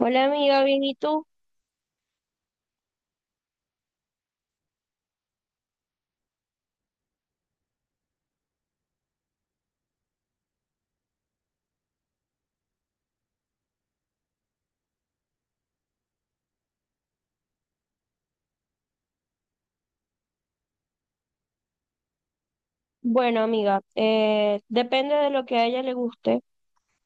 Hola amiga, bien, ¿y tú? Bueno amiga, depende de lo que a ella le guste.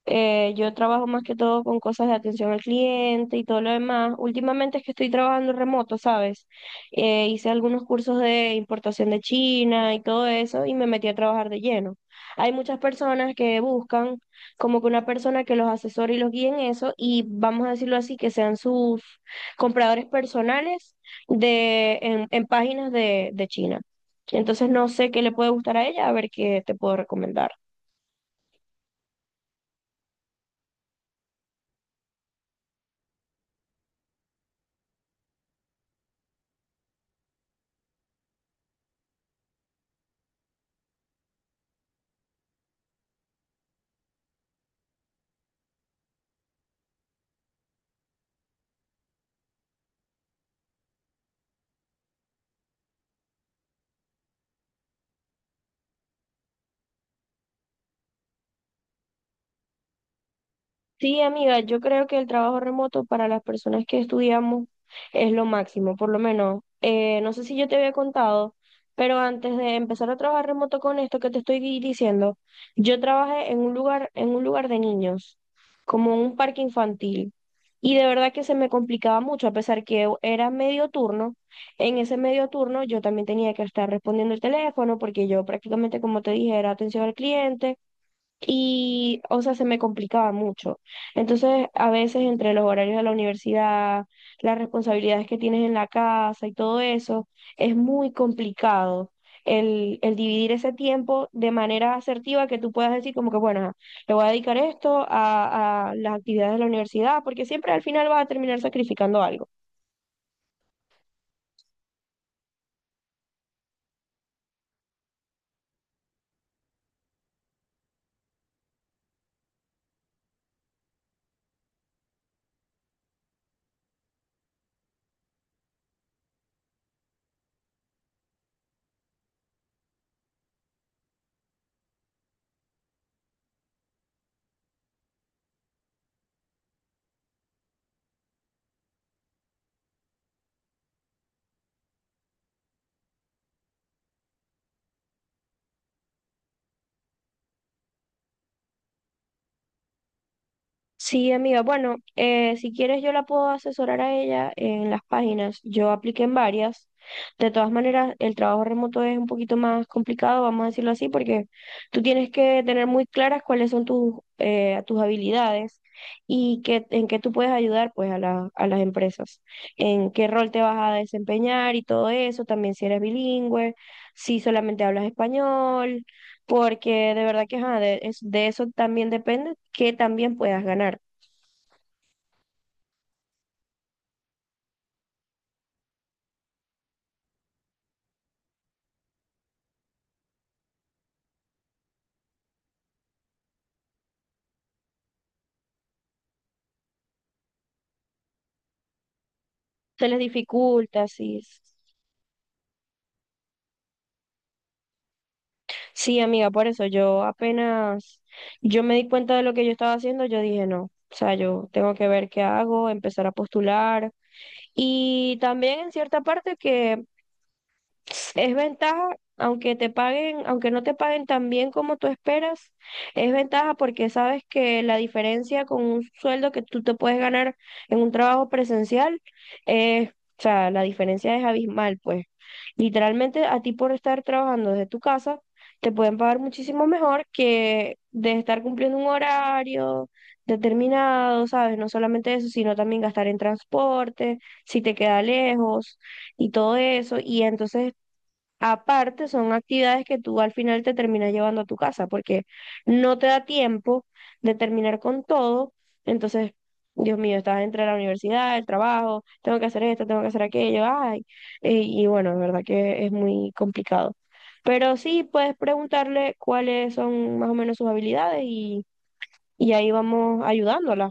Yo trabajo más que todo con cosas de atención al cliente y todo lo demás. Últimamente es que estoy trabajando remoto, ¿sabes? Hice algunos cursos de importación de China y todo eso y me metí a trabajar de lleno. Hay muchas personas que buscan como que una persona que los asesore y los guíe en eso y vamos a decirlo así, que sean sus compradores personales en páginas de China. Entonces no sé qué le puede gustar a ella, a ver qué te puedo recomendar. Sí, amiga, yo creo que el trabajo remoto para las personas que estudiamos es lo máximo, por lo menos. No sé si yo te había contado, pero antes de empezar a trabajar remoto con esto que te estoy diciendo, yo trabajé en un lugar de niños, como un parque infantil. Y de verdad que se me complicaba mucho, a pesar que era medio turno. En ese medio turno yo también tenía que estar respondiendo el teléfono, porque yo prácticamente, como te dije, era atención al cliente y, o sea, se me complicaba mucho. Entonces, a veces entre los horarios de la universidad, las responsabilidades que tienes en la casa y todo eso, es muy complicado el dividir ese tiempo de manera asertiva que tú puedas decir como que, bueno, ajá, le voy a dedicar esto a las actividades de la universidad, porque siempre al final vas a terminar sacrificando algo. Sí, amiga. Bueno, si quieres yo la puedo asesorar a ella en las páginas. Yo apliqué en varias. De todas maneras, el trabajo remoto es un poquito más complicado, vamos a decirlo así, porque tú tienes que tener muy claras cuáles son tus, tus habilidades y qué, en qué tú puedes ayudar pues a a las empresas, en qué rol te vas a desempeñar y todo eso, también si eres bilingüe, si solamente hablas español, porque de verdad que ajá, de, de eso también depende que también puedas ganar. Se les dificulta, sí. Sí, amiga, por eso yo apenas, yo me di cuenta de lo que yo estaba haciendo, yo dije no. O sea, yo tengo que ver qué hago, empezar a postular. Y también en cierta parte que es ventaja, aunque te paguen, aunque no te paguen tan bien como tú esperas, es ventaja porque sabes que la diferencia con un sueldo que tú te puedes ganar en un trabajo presencial, es o sea, la diferencia es abismal, pues. Literalmente a ti por estar trabajando desde tu casa, te pueden pagar muchísimo mejor que de estar cumpliendo un horario determinado, ¿sabes? No solamente eso, sino también gastar en transporte, si te queda lejos y todo eso. Y entonces aparte, son actividades que tú al final te terminas llevando a tu casa porque no te da tiempo de terminar con todo. Entonces, Dios mío, estás entre la universidad, el trabajo, tengo que hacer esto, tengo que hacer aquello, ay. Y bueno, es verdad que es muy complicado. Pero sí puedes preguntarle cuáles son más o menos sus habilidades y ahí vamos ayudándola.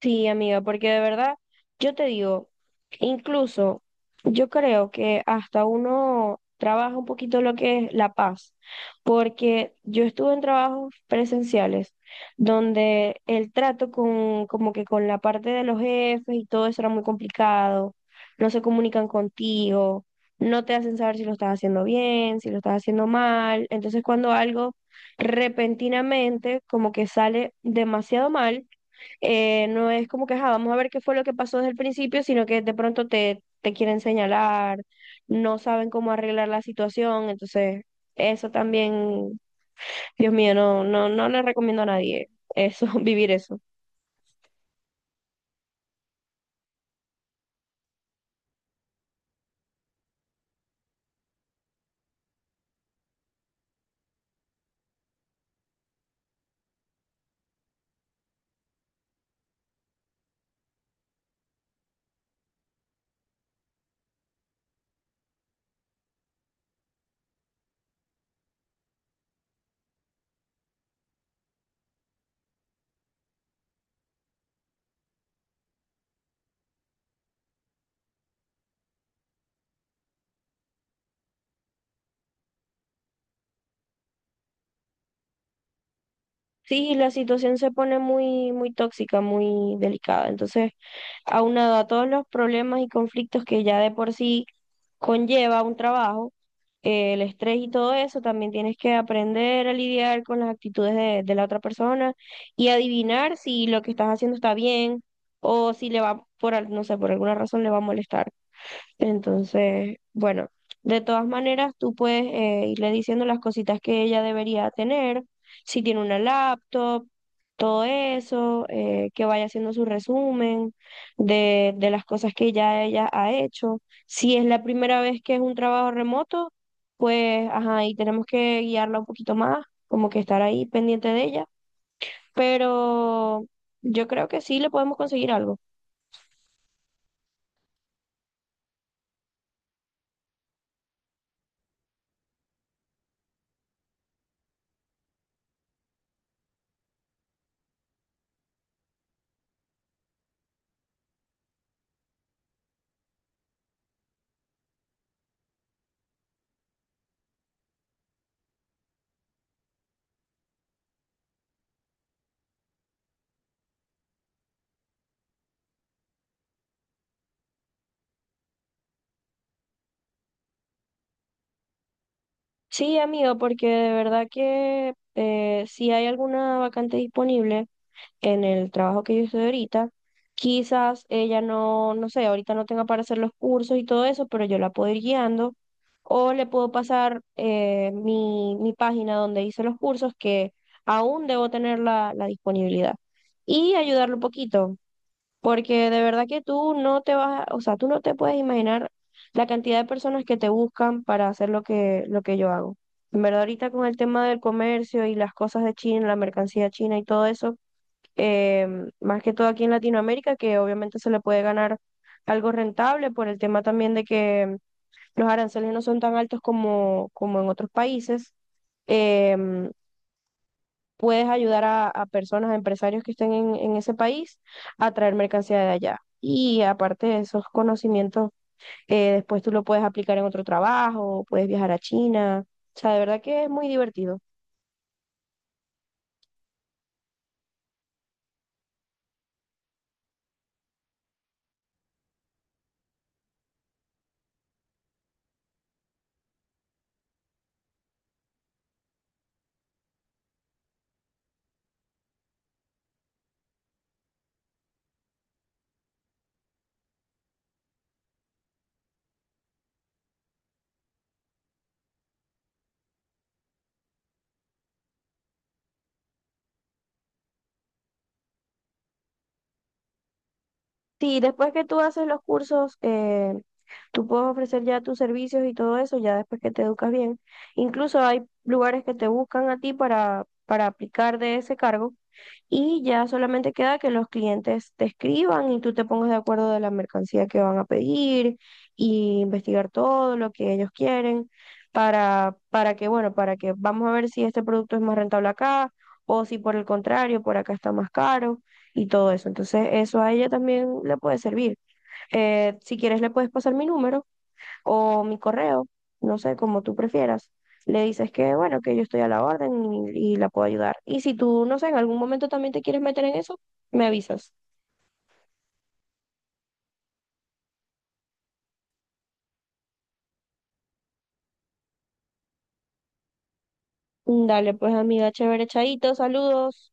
Sí, amiga, porque de verdad, yo te digo, incluso yo creo que hasta uno trabaja un poquito lo que es la paz, porque yo estuve en trabajos presenciales donde el trato con, como que con la parte de los jefes y todo eso era muy complicado, no se comunican contigo, no te hacen saber si lo estás haciendo bien, si lo estás haciendo mal, entonces cuando algo repentinamente como que sale demasiado mal, no es como que: "Ajá, vamos a ver qué fue lo que pasó desde el principio", sino que de pronto te quieren señalar, no saben cómo arreglar la situación, entonces eso también, Dios mío, no, no, no le recomiendo a nadie eso, vivir eso. Sí, la situación se pone muy, muy tóxica, muy delicada. Entonces, aunado a todos los problemas y conflictos que ya de por sí conlleva un trabajo, el estrés y todo eso, también tienes que aprender a lidiar con las actitudes de la otra persona y adivinar si lo que estás haciendo está bien o si le va por, no sé, por alguna razón le va a molestar. Entonces, bueno, de todas maneras, tú puedes irle diciendo las cositas que ella debería tener, si tiene una laptop, todo eso, que vaya haciendo su resumen de las cosas que ya ella ha hecho. Si es la primera vez que es un trabajo remoto, pues, ajá, y tenemos que guiarla un poquito más, como que estar ahí pendiente de ella, pero yo creo que sí le podemos conseguir algo. Sí, amigo, porque de verdad que si hay alguna vacante disponible en el trabajo que yo estoy ahorita, quizás ella no, no sé, ahorita no tenga para hacer los cursos y todo eso, pero yo la puedo ir guiando o le puedo pasar mi página donde hice los cursos que aún debo tener la disponibilidad y ayudarle un poquito. Porque de verdad que tú no te vas, o sea, tú no te puedes imaginar la cantidad de personas que te buscan para hacer lo que yo hago. En verdad, ahorita con el tema del comercio y las cosas de China, la mercancía china y todo eso, más que todo aquí en Latinoamérica, que obviamente se le puede ganar algo rentable por el tema también de que los aranceles no son tan altos como, como en otros países. em, Puedes ayudar a personas, a empresarios que estén en ese país a traer mercancía de allá. Y aparte de esos conocimientos, después tú lo puedes aplicar en otro trabajo, puedes viajar a China. O sea, de verdad que es muy divertido. Sí, después que tú haces los cursos, tú puedes ofrecer ya tus servicios y todo eso, ya después que te educas bien. Incluso hay lugares que te buscan a ti para aplicar de ese cargo y ya solamente queda que los clientes te escriban y tú te pongas de acuerdo de la mercancía que van a pedir y investigar todo lo que ellos quieren para que, bueno, para que vamos a ver si este producto es más rentable acá o si por el contrario, por acá está más caro y todo eso. Entonces, eso a ella también le puede servir. Si quieres, le puedes pasar mi número o mi correo, no sé, como tú prefieras. Le dices que, bueno, que yo estoy a la orden y la puedo ayudar. Y si tú, no sé, en algún momento también te quieres meter en eso, me avisas. Dale, pues amiga, chévere, chaito, saludos.